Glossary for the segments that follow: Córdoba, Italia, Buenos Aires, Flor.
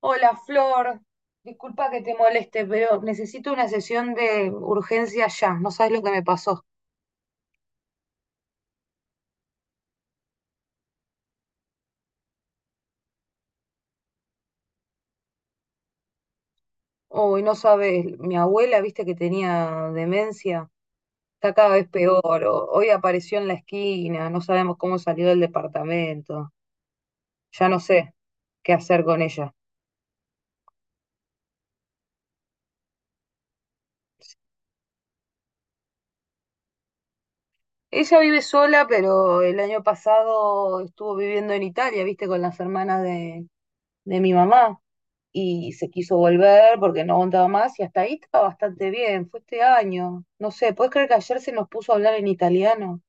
Hola Flor, disculpa que te moleste, pero necesito una sesión de urgencia ya. No sabes lo que me pasó. Hoy no sabes, mi abuela, viste que tenía demencia, está cada vez peor. Hoy apareció en la esquina, no sabemos cómo salió del departamento. Ya no sé qué hacer con ella. Ella vive sola, pero el año pasado estuvo viviendo en Italia, viste, con las hermanas de mi mamá. Y se quiso volver porque no aguantaba más y hasta ahí estaba bastante bien, fue este año. No sé, ¿puedes creer que ayer se nos puso a hablar en italiano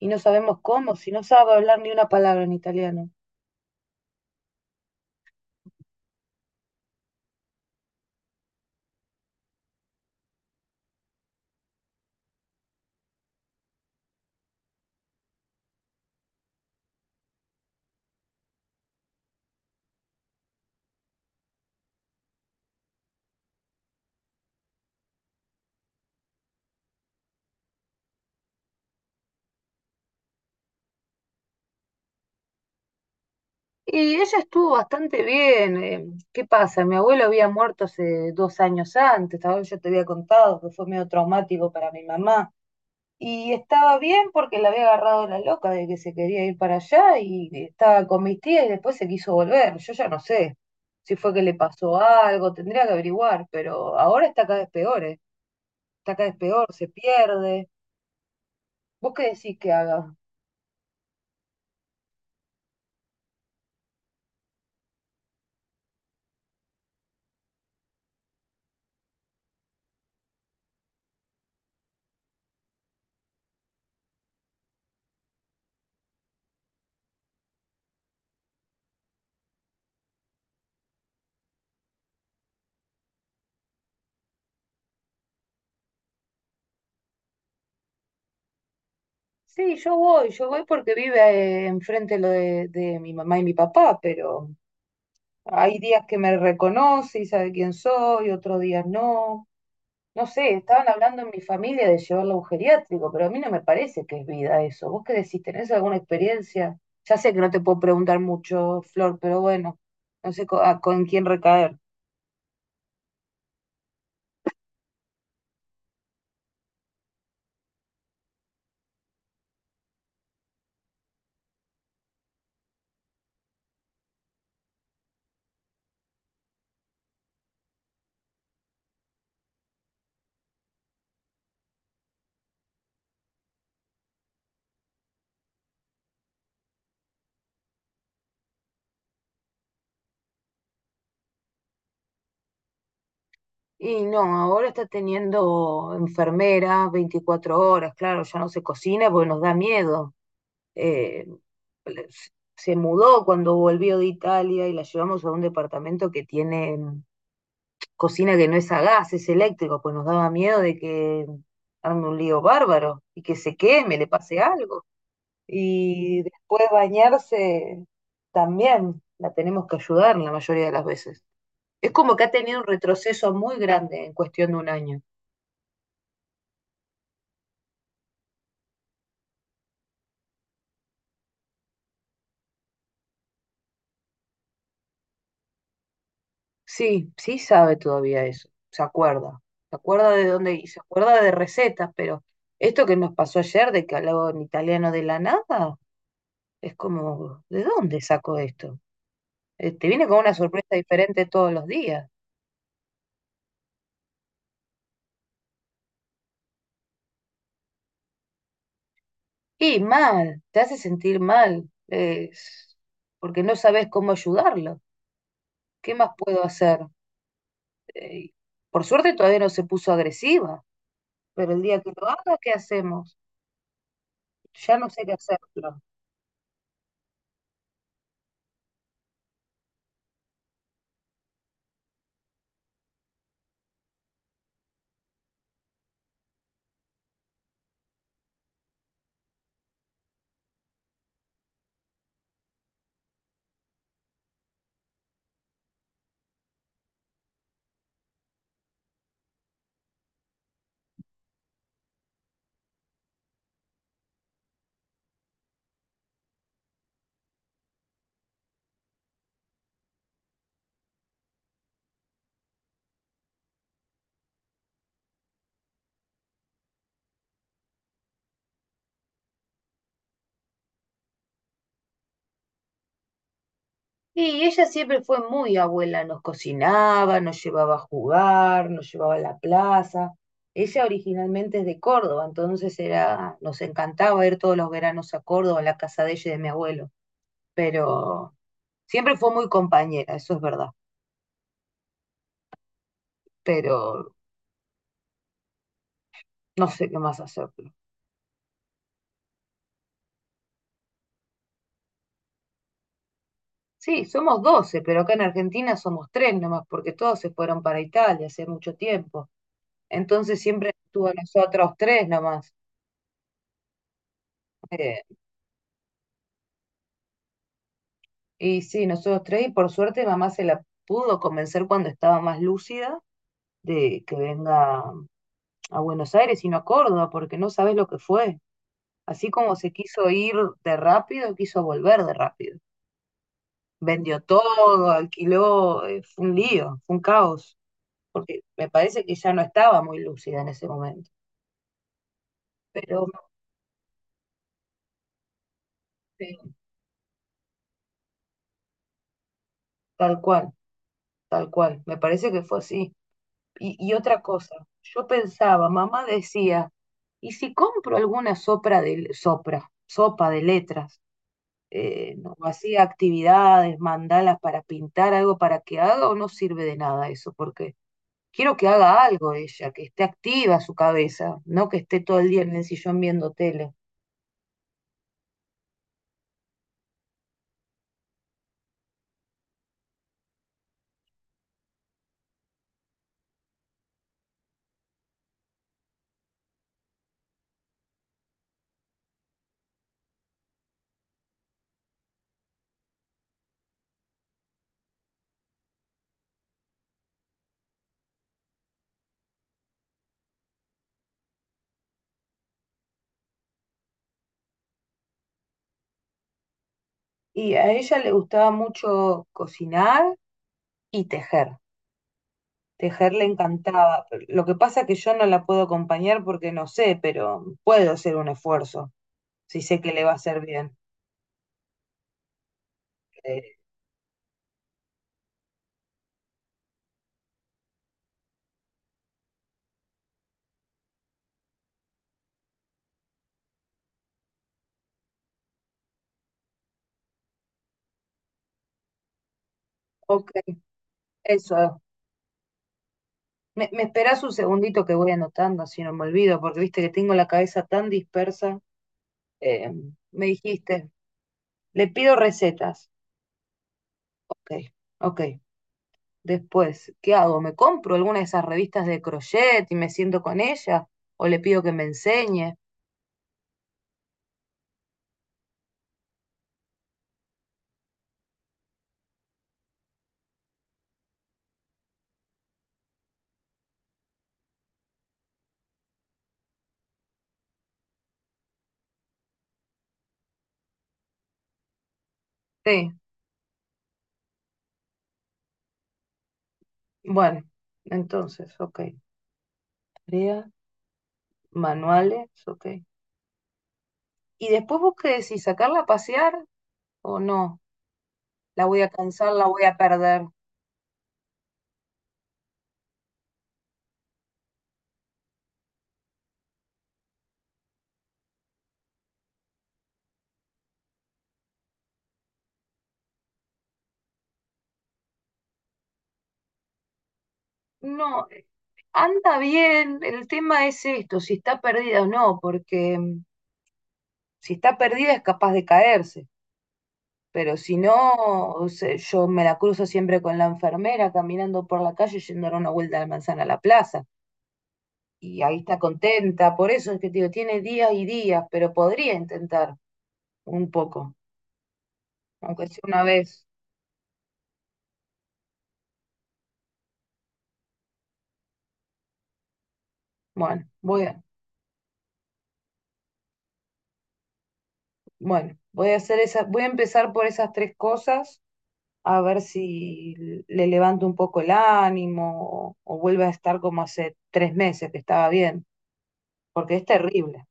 y no sabemos cómo, si no sabe hablar ni una palabra en italiano? Y ella estuvo bastante bien. ¿Qué pasa? Mi abuelo había muerto hace 2 años antes, tal vez yo te había contado que fue medio traumático para mi mamá. Y estaba bien porque la había agarrado la loca de que se quería ir para allá y estaba con mis tías y después se quiso volver. Yo ya no sé si fue que le pasó algo, tendría que averiguar, pero ahora está cada vez peor, ¿eh? Está cada vez peor, se pierde. ¿Vos qué decís que haga? Sí, yo voy porque vive enfrente lo de mi mamá y mi papá, pero hay días que me reconoce y sabe quién soy, otros días no. No sé, estaban hablando en mi familia de llevarlo a un geriátrico, pero a mí no me parece que es vida eso. ¿Vos qué decís? ¿Tenés alguna experiencia? Ya sé que no te puedo preguntar mucho, Flor, pero bueno, no sé con quién recaer. Y no, ahora está teniendo enfermera 24 horas, claro, ya no se cocina porque nos da miedo. Eh, le- Se mudó cuando volvió de Italia y la llevamos a un departamento que tiene cocina que no es a gas, es eléctrico, pues nos daba miedo de que arme un lío bárbaro y que se queme, le pase algo. Y después bañarse también la tenemos que ayudar la mayoría de las veces. Es como que ha tenido un retroceso muy grande en cuestión de un año. Sí, sí sabe todavía eso, se acuerda de dónde y se acuerda de recetas, pero esto que nos pasó ayer de que hablaba en italiano de la nada, es como, ¿de dónde sacó esto? Te viene con una sorpresa diferente todos los días. Y mal, te hace sentir mal, es porque no sabes cómo ayudarlo. ¿Qué más puedo hacer? Eh, por suerte todavía no se puso agresiva, pero el día que lo haga, ¿qué hacemos? Ya no sé qué hacerlo. Y ella siempre fue muy abuela, nos cocinaba, nos llevaba a jugar, nos llevaba a la plaza. Ella originalmente es de Córdoba, entonces era, nos encantaba ir todos los veranos a Córdoba, a la casa de ella y de mi abuelo, pero siempre fue muy compañera, eso es verdad, pero no sé qué más hacerlo. Sí, somos 12 pero acá en Argentina somos tres nomás, porque todos se fueron para Italia hace mucho tiempo. Entonces siempre estuvo nosotros tres nomás. Eh, y sí, nosotros tres, y por suerte mamá se la pudo convencer cuando estaba más lúcida de que venga a Buenos Aires y no a Córdoba, porque no sabes lo que fue. Así como se quiso ir de rápido, quiso volver de rápido. Vendió todo, alquiló, fue un lío, fue un caos, porque me parece que ya no estaba muy lúcida en ese momento, pero sí. Tal cual, tal cual, me parece que fue así. Y otra cosa, yo pensaba, mamá decía, ¿y si compro alguna sopa de letras? No, hacía actividades, mandalas para pintar algo para que haga o no sirve de nada eso, porque quiero que haga algo ella, que esté activa su cabeza, no que esté todo el día en el sillón viendo tele. Y a ella le gustaba mucho cocinar y tejer. Tejer le encantaba. Lo que pasa es que yo no la puedo acompañar porque no sé, pero puedo hacer un esfuerzo si sé que le va a hacer bien. Eh, ok, eso. Me esperás un segundito que voy anotando, así no me olvido, porque viste que tengo la cabeza tan dispersa. Eh, Me dijiste, le pido recetas. Ok, ok. Después, ¿qué hago? ¿Me compro alguna de esas revistas de crochet y me siento con ella? ¿O le pido que me enseñe? Sí, bueno, entonces, ok. Tarea, manuales, ok. Y después vos qué decís, ¿sacarla a pasear o no? La voy a cansar, la voy a perder. No, anda bien. El tema es esto, si está perdida o no, porque si está perdida es capaz de caerse. Pero si no, o sea, yo me la cruzo siempre con la enfermera caminando por la calle yendo a dar una vuelta a la manzana a la plaza. Y ahí está contenta. Por eso es que te digo, tiene días y días, pero podría intentar un poco, aunque sea una vez. Bueno, bueno, voy a hacer esa, voy a empezar por esas tres cosas, a ver si le levanto un poco el ánimo o vuelve a estar como hace 3 meses que estaba bien, porque es terrible.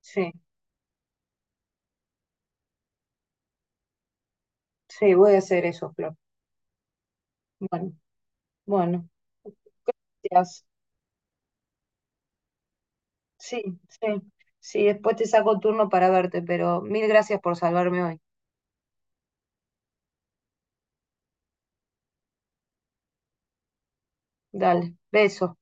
Sí, sí, voy a hacer eso, Flor. Bueno. Bueno, gracias. Sí, sí, sí, después te saco turno para verte, pero mil gracias por salvarme hoy. Dale, beso.